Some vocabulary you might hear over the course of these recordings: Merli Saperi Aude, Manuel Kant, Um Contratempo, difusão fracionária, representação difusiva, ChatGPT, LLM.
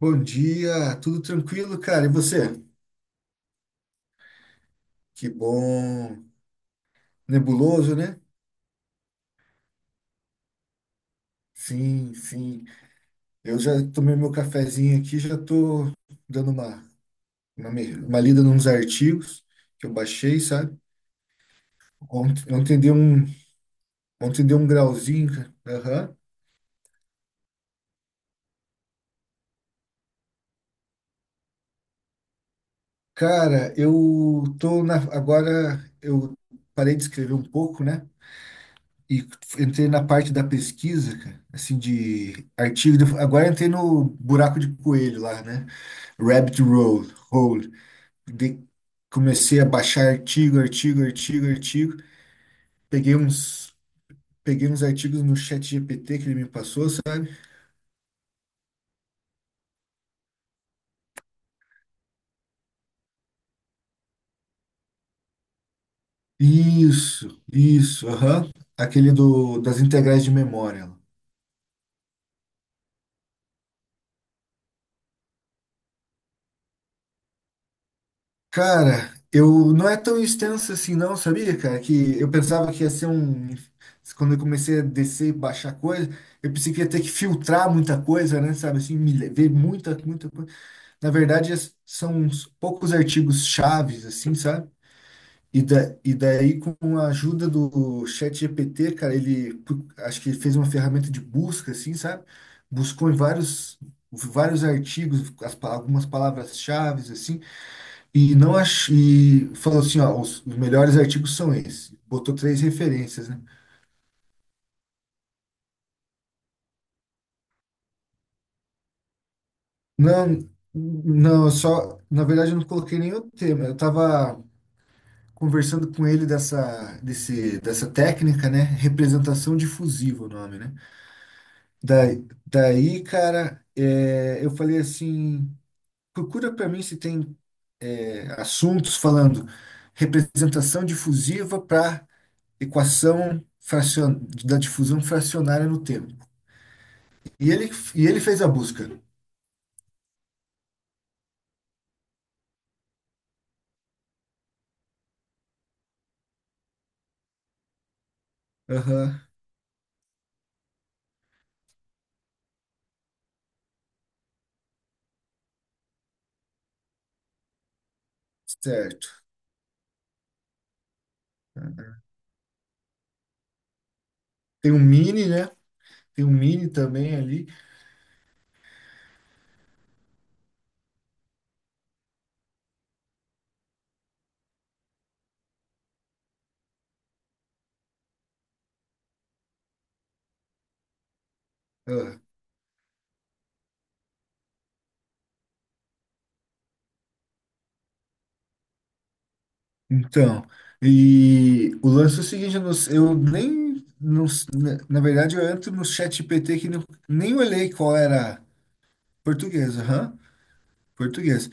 Bom dia, tudo tranquilo, cara? E você? Que bom. Nebuloso, né? Sim. Eu já tomei meu cafezinho aqui, já tô dando uma lida nos artigos que eu baixei, sabe? Ontem, ontem deu um, ontem deu um grauzinho, cara. Aham. Cara, eu tô na, agora eu parei de escrever um pouco, né? E entrei na parte da pesquisa, cara, assim, de artigo. Agora entrei no buraco de coelho lá, né? Rabbit Roll, Hole. De- comecei a baixar artigo. Peguei uns, peguei uns artigos no chat GPT que ele me passou, sabe? Isso, aham. Aquele do, das integrais de memória. Cara, eu não é tão extenso assim não, sabia, cara? Que eu pensava que ia ser um... Quando eu comecei a descer e baixar coisa, eu pensei que ia ter que filtrar muita coisa, né? Sabe assim, ver muita coisa. Na verdade, são uns poucos artigos chaves, assim, sabe? E daí, com a ajuda do ChatGPT, cara, acho que fez uma ferramenta de busca, assim, sabe? Buscou em vários, vários artigos, algumas palavras-chaves, assim, e não ach, e falou assim, ó, os melhores artigos são esses. Botou três referências, né? Não, não, eu só, na verdade, eu não coloquei nenhum tema. Eu tava conversando com ele dessa técnica, né? Representação difusiva, o nome, né? Daí cara, é, eu falei assim: procura para mim se tem é, assuntos falando representação difusiva para equação fracion, da difusão fracionária no tempo. E ele, e ele fez a busca. Aham, certo. Tem um mini, né? Tem um mini também ali. Então, e o lance é o seguinte, eu, não s- eu nem, não s- na na verdade, eu entro no chat GPT que nem olhei qual era português, aham, português.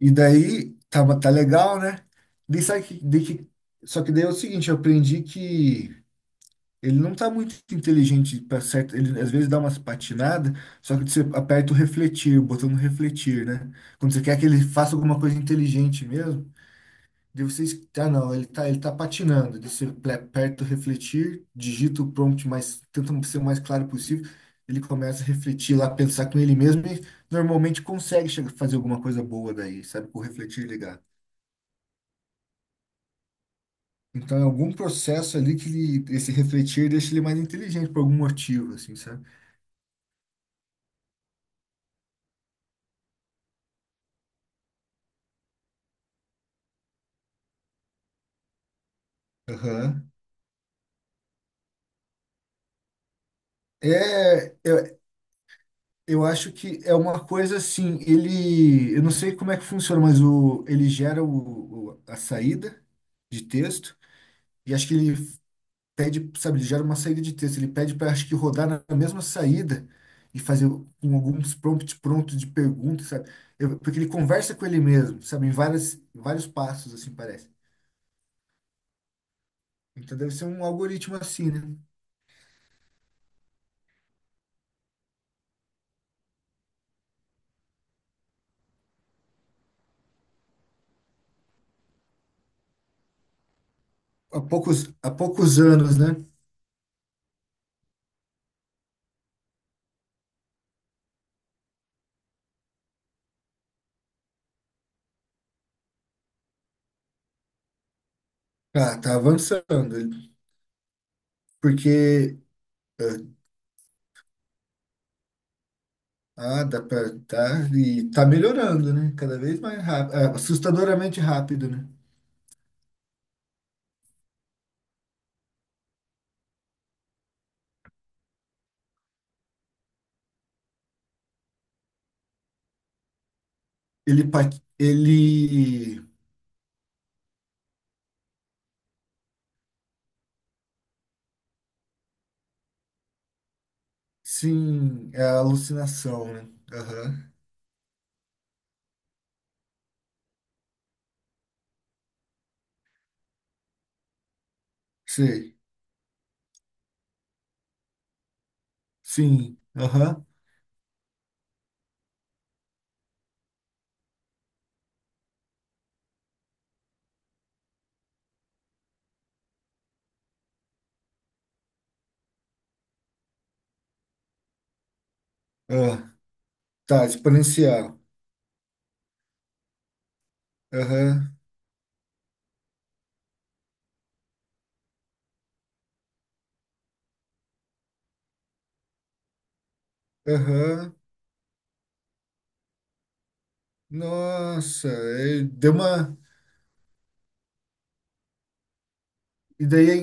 E daí, tá legal, né? Daí sabe que, daí que- só que daí é o seguinte, eu aprendi que ele não tá muito inteligente para certo, ele às vezes dá umas patinadas, só que você aperta o refletir, o botão do refletir, né? Quando você quer que ele faça alguma coisa inteligente mesmo, de vocês, ah, não, ele tá patinando. Deixa eu perto refletir, digita o prompt, mas tenta ser o mais claro possível. Ele começa a refletir lá, pensar com ele mesmo e normalmente consegue chegar, fazer alguma coisa boa daí, sabe? Com o refletir ligado. Então é algum processo ali que ele, esse refletir deixa ele mais inteligente por algum motivo, assim, sabe? Aham. É, eu acho que é uma coisa assim, ele, eu não sei como é que funciona, mas o, a saída de texto e acho que ele pede, sabe, ele gera uma saída de texto, ele pede para acho que rodar na na mesma saída e fazer com alguns prompts prontos de perguntas, sabe? Porque ele conversa com ele mesmo, sabe, em várias, em vários passos, assim parece. Então deve ser um algoritmo assim, né? Há poucos anos, né? Tá, tá avançando, ele- porque eh, dá pra, tá, e tá melhorando, né? Cada vez mais rápido, assustadoramente rápido, né? Ele, pa- ele Sim, é a alucinação, né? Aham. Sei. Sim. Aham. Ah, tá, exponencial. Aham. Aham. Nossa, é, deu uma. E daí é,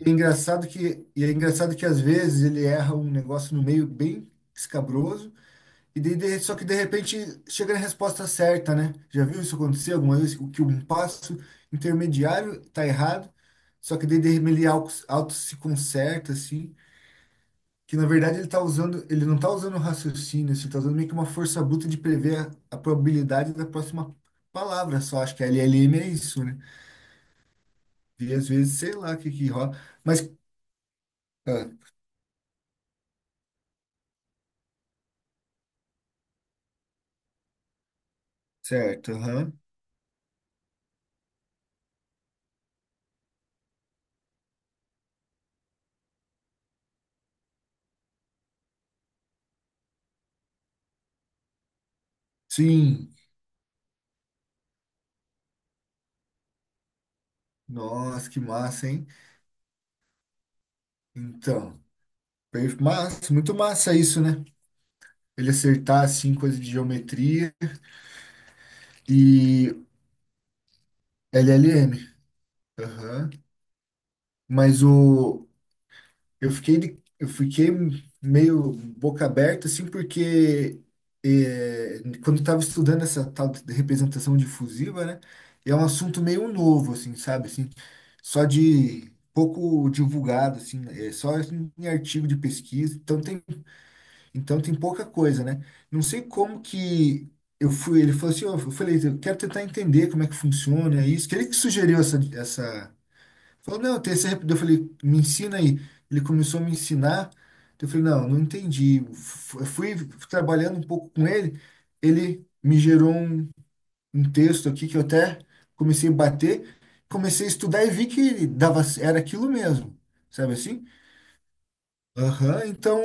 e é engraçado que às vezes ele erra um negócio no meio bem escabroso só que de repente chega na resposta certa, né? Já viu isso acontecer alguma vez? O que um passo intermediário tá errado, só que daí de repente ele auto se conserta assim. Que na verdade ele tá usando, ele não está usando raciocínio, assim, tá usando meio que uma força bruta de prever a probabilidade da próxima palavra só. Acho que LLM é isso, né? E às vezes, sei lá o que que rola. Mas, ah, certo, aham. Sim. Nossa, que massa, hein? Então, massa, muito massa isso, né? Ele acertar, assim, coisa de geometria e LLM. Aham. Mas o, eu fiquei meio boca aberta, assim, porque eh, quando eu estava estudando essa tal de representação difusiva, né, é um assunto meio novo, assim, sabe, assim, só de pouco divulgado, assim, é só em artigo de pesquisa, então tem pouca coisa, né? Não sei como que eu fui, ele falou assim, ó, eu falei, eu quero tentar entender como é que funciona isso, que ele que sugeriu essa falou, não, tem essa eu falei, me ensina aí. Ele começou a me ensinar. Eu falei, não entendi. Fui trabalhando um pouco com ele. Ele me gerou um, um texto aqui que eu até comecei a bater. Comecei a estudar e vi que dava, era aquilo mesmo. Sabe assim? Aham, então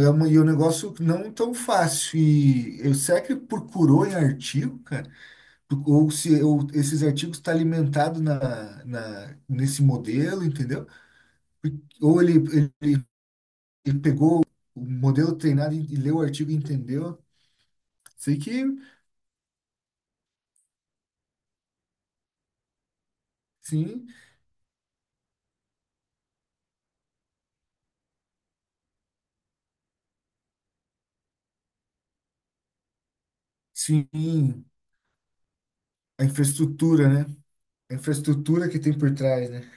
é, uma, e é um negócio não tão fácil. E eu será que procurou em artigo, cara? Ou se esses artigos estão tá alimentados nesse modelo, entendeu? Ou ele, ele pegou o modelo treinado e leu o artigo e entendeu. Sei que, sim, sim, a infraestrutura, né? A infraestrutura que tem por trás, né?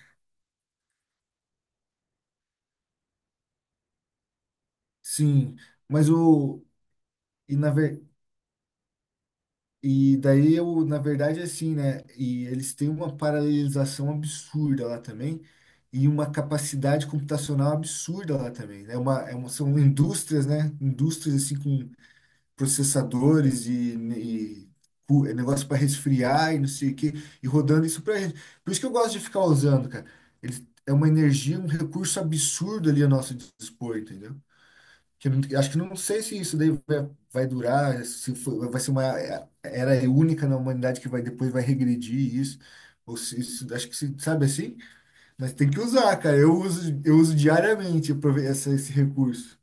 Sim, mas o. E, na ver, e daí, eu, na verdade, é assim, né? E eles têm uma paralelização absurda lá também e uma capacidade computacional absurda lá também. Né? É uma, são indústrias, né? Indústrias, assim, com processadores e é negócio para resfriar e não sei o quê, e rodando isso para gente. Por isso que eu gosto de ficar usando, cara. Eles, é uma energia, um recurso absurdo ali a nosso dispor, entendeu? Que eu não- acho que não sei se isso daí vai, vai durar, se foi- vai ser uma era única na humanidade que vai depois vai regredir isso. Ou se, isso, acho que se, sabe assim? Mas tem que usar, cara. Eu uso diariamente essa, esse recurso.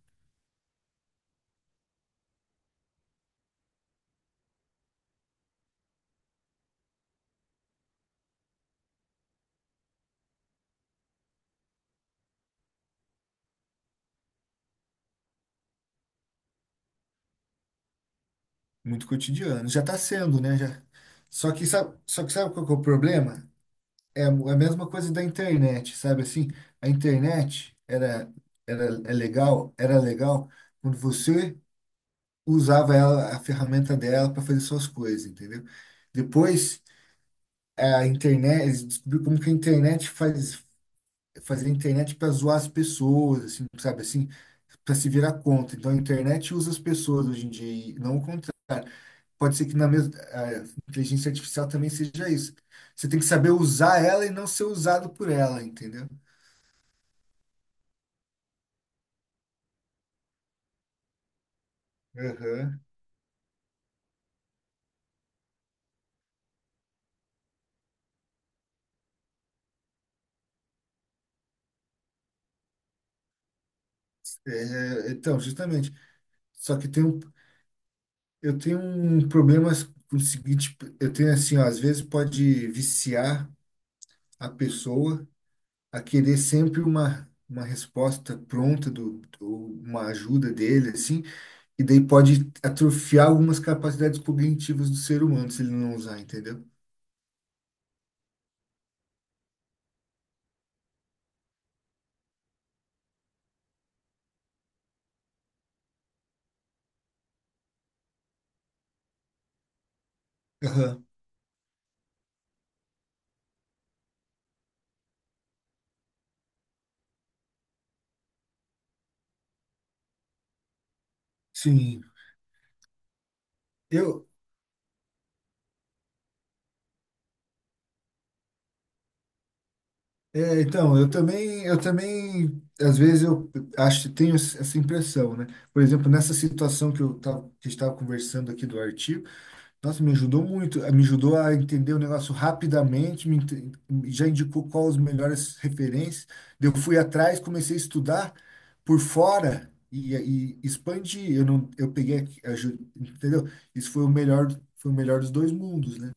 Muito cotidiano. Já está sendo, né? Já... só que sabe qual que é o problema? É a a mesma coisa da internet, sabe assim? A internet era, era é legal, era legal quando você usava ela, a ferramenta dela para fazer suas coisas, entendeu? Depois a internet, eles descobriram como que a internet faz fazer a internet para zoar as pessoas, assim, sabe assim, para se virar contra. Então a internet usa as pessoas hoje em dia, e não o contrário pode ser que na mesma a inteligência artificial também seja isso. Você tem que saber usar ela e não ser usado por ela, entendeu? Aham. É, então, justamente. Só que tem um, eu tenho um problema com o seguinte, eu tenho assim, ó, às vezes pode viciar a pessoa a querer sempre uma resposta pronta do, ou uma ajuda dele assim, e daí pode atrofiar algumas capacidades cognitivas do ser humano se ele não usar, entendeu? Aham. Sim. Eu, é, então, eu também, às vezes eu acho, tenho essa impressão, né? Por exemplo, nessa situação que eu tava, que estava conversando aqui do artigo, nossa, me ajudou muito, eh, me ajudou a entender o negócio rapidamente, já indicou quais as melhores referências. Daí eu fui atrás, comecei a estudar por fora e expandi. Eu não, eu peguei, aqui, aju- entendeu? Isso foi o melhor dos dois mundos, né?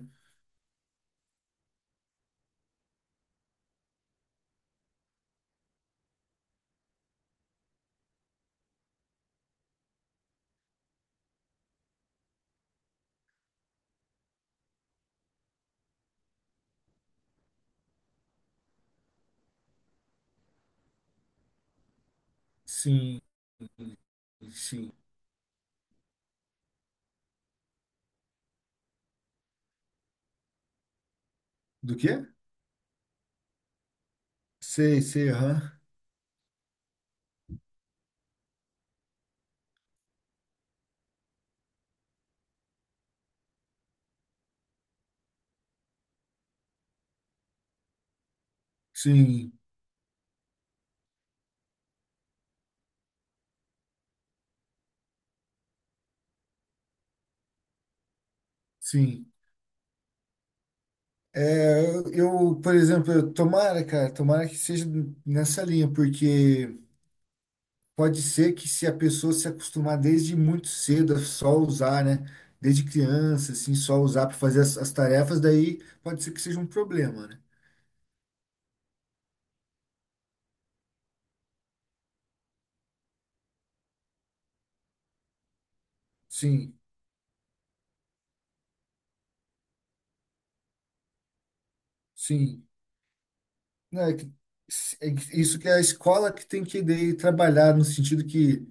Sim, sim. Do quê? Sei, aham. Sim, sim. É, eu, por exemplo, tomara, cara, tomara que seja nessa linha, porque pode ser que se a pessoa se acostumar desde muito cedo a só usar, né? Desde criança, assim, só usar para fazer as tarefas, daí pode ser que seja um problema, né? Sim, sim. Não, é que isso que é a escola que tem que daí, trabalhar, no sentido que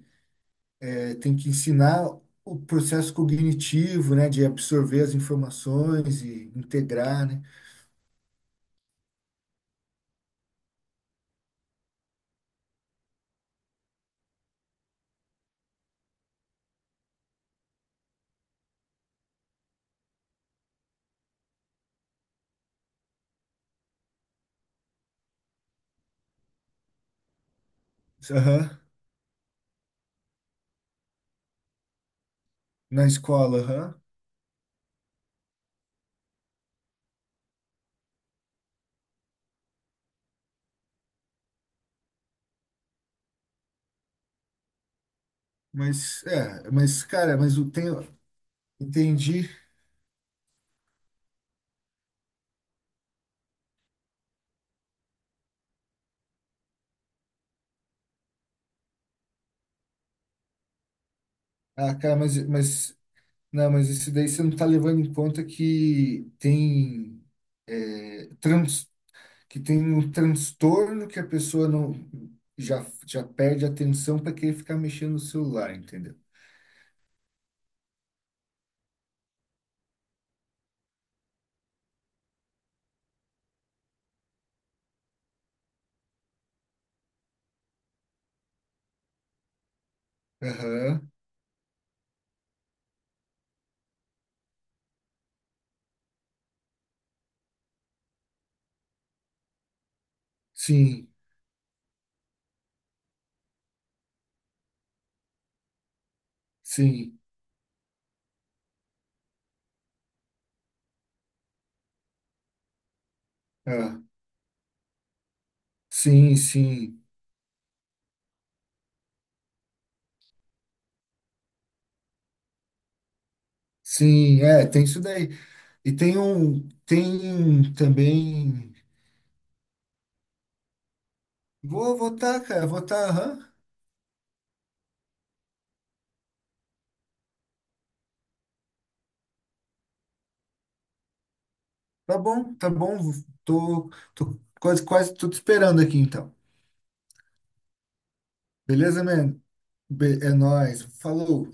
é, tem que ensinar o processo cognitivo, né? De absorver as informações e integrar, né? Aham, na escola, aham. Mas, é, mas, cara, mas eu tenho. Entendi. Ah, cara, mas, mas. Não, mas isso daí você não tá levando em conta que tem. É, trans, que tem um transtorno que a pessoa não. Já perde a atenção para querer ficar mexendo no celular, entendeu? Aham, sim, sim. Ah, sim, sim. Sim, é, tem isso daí. E tem um. Tem um também. Vou votar, cara, votar, aham. Tá bom, tá bom. Tô, tô quase, quase tudo esperando aqui, então. Beleza, man? Be- é nóis. Falou.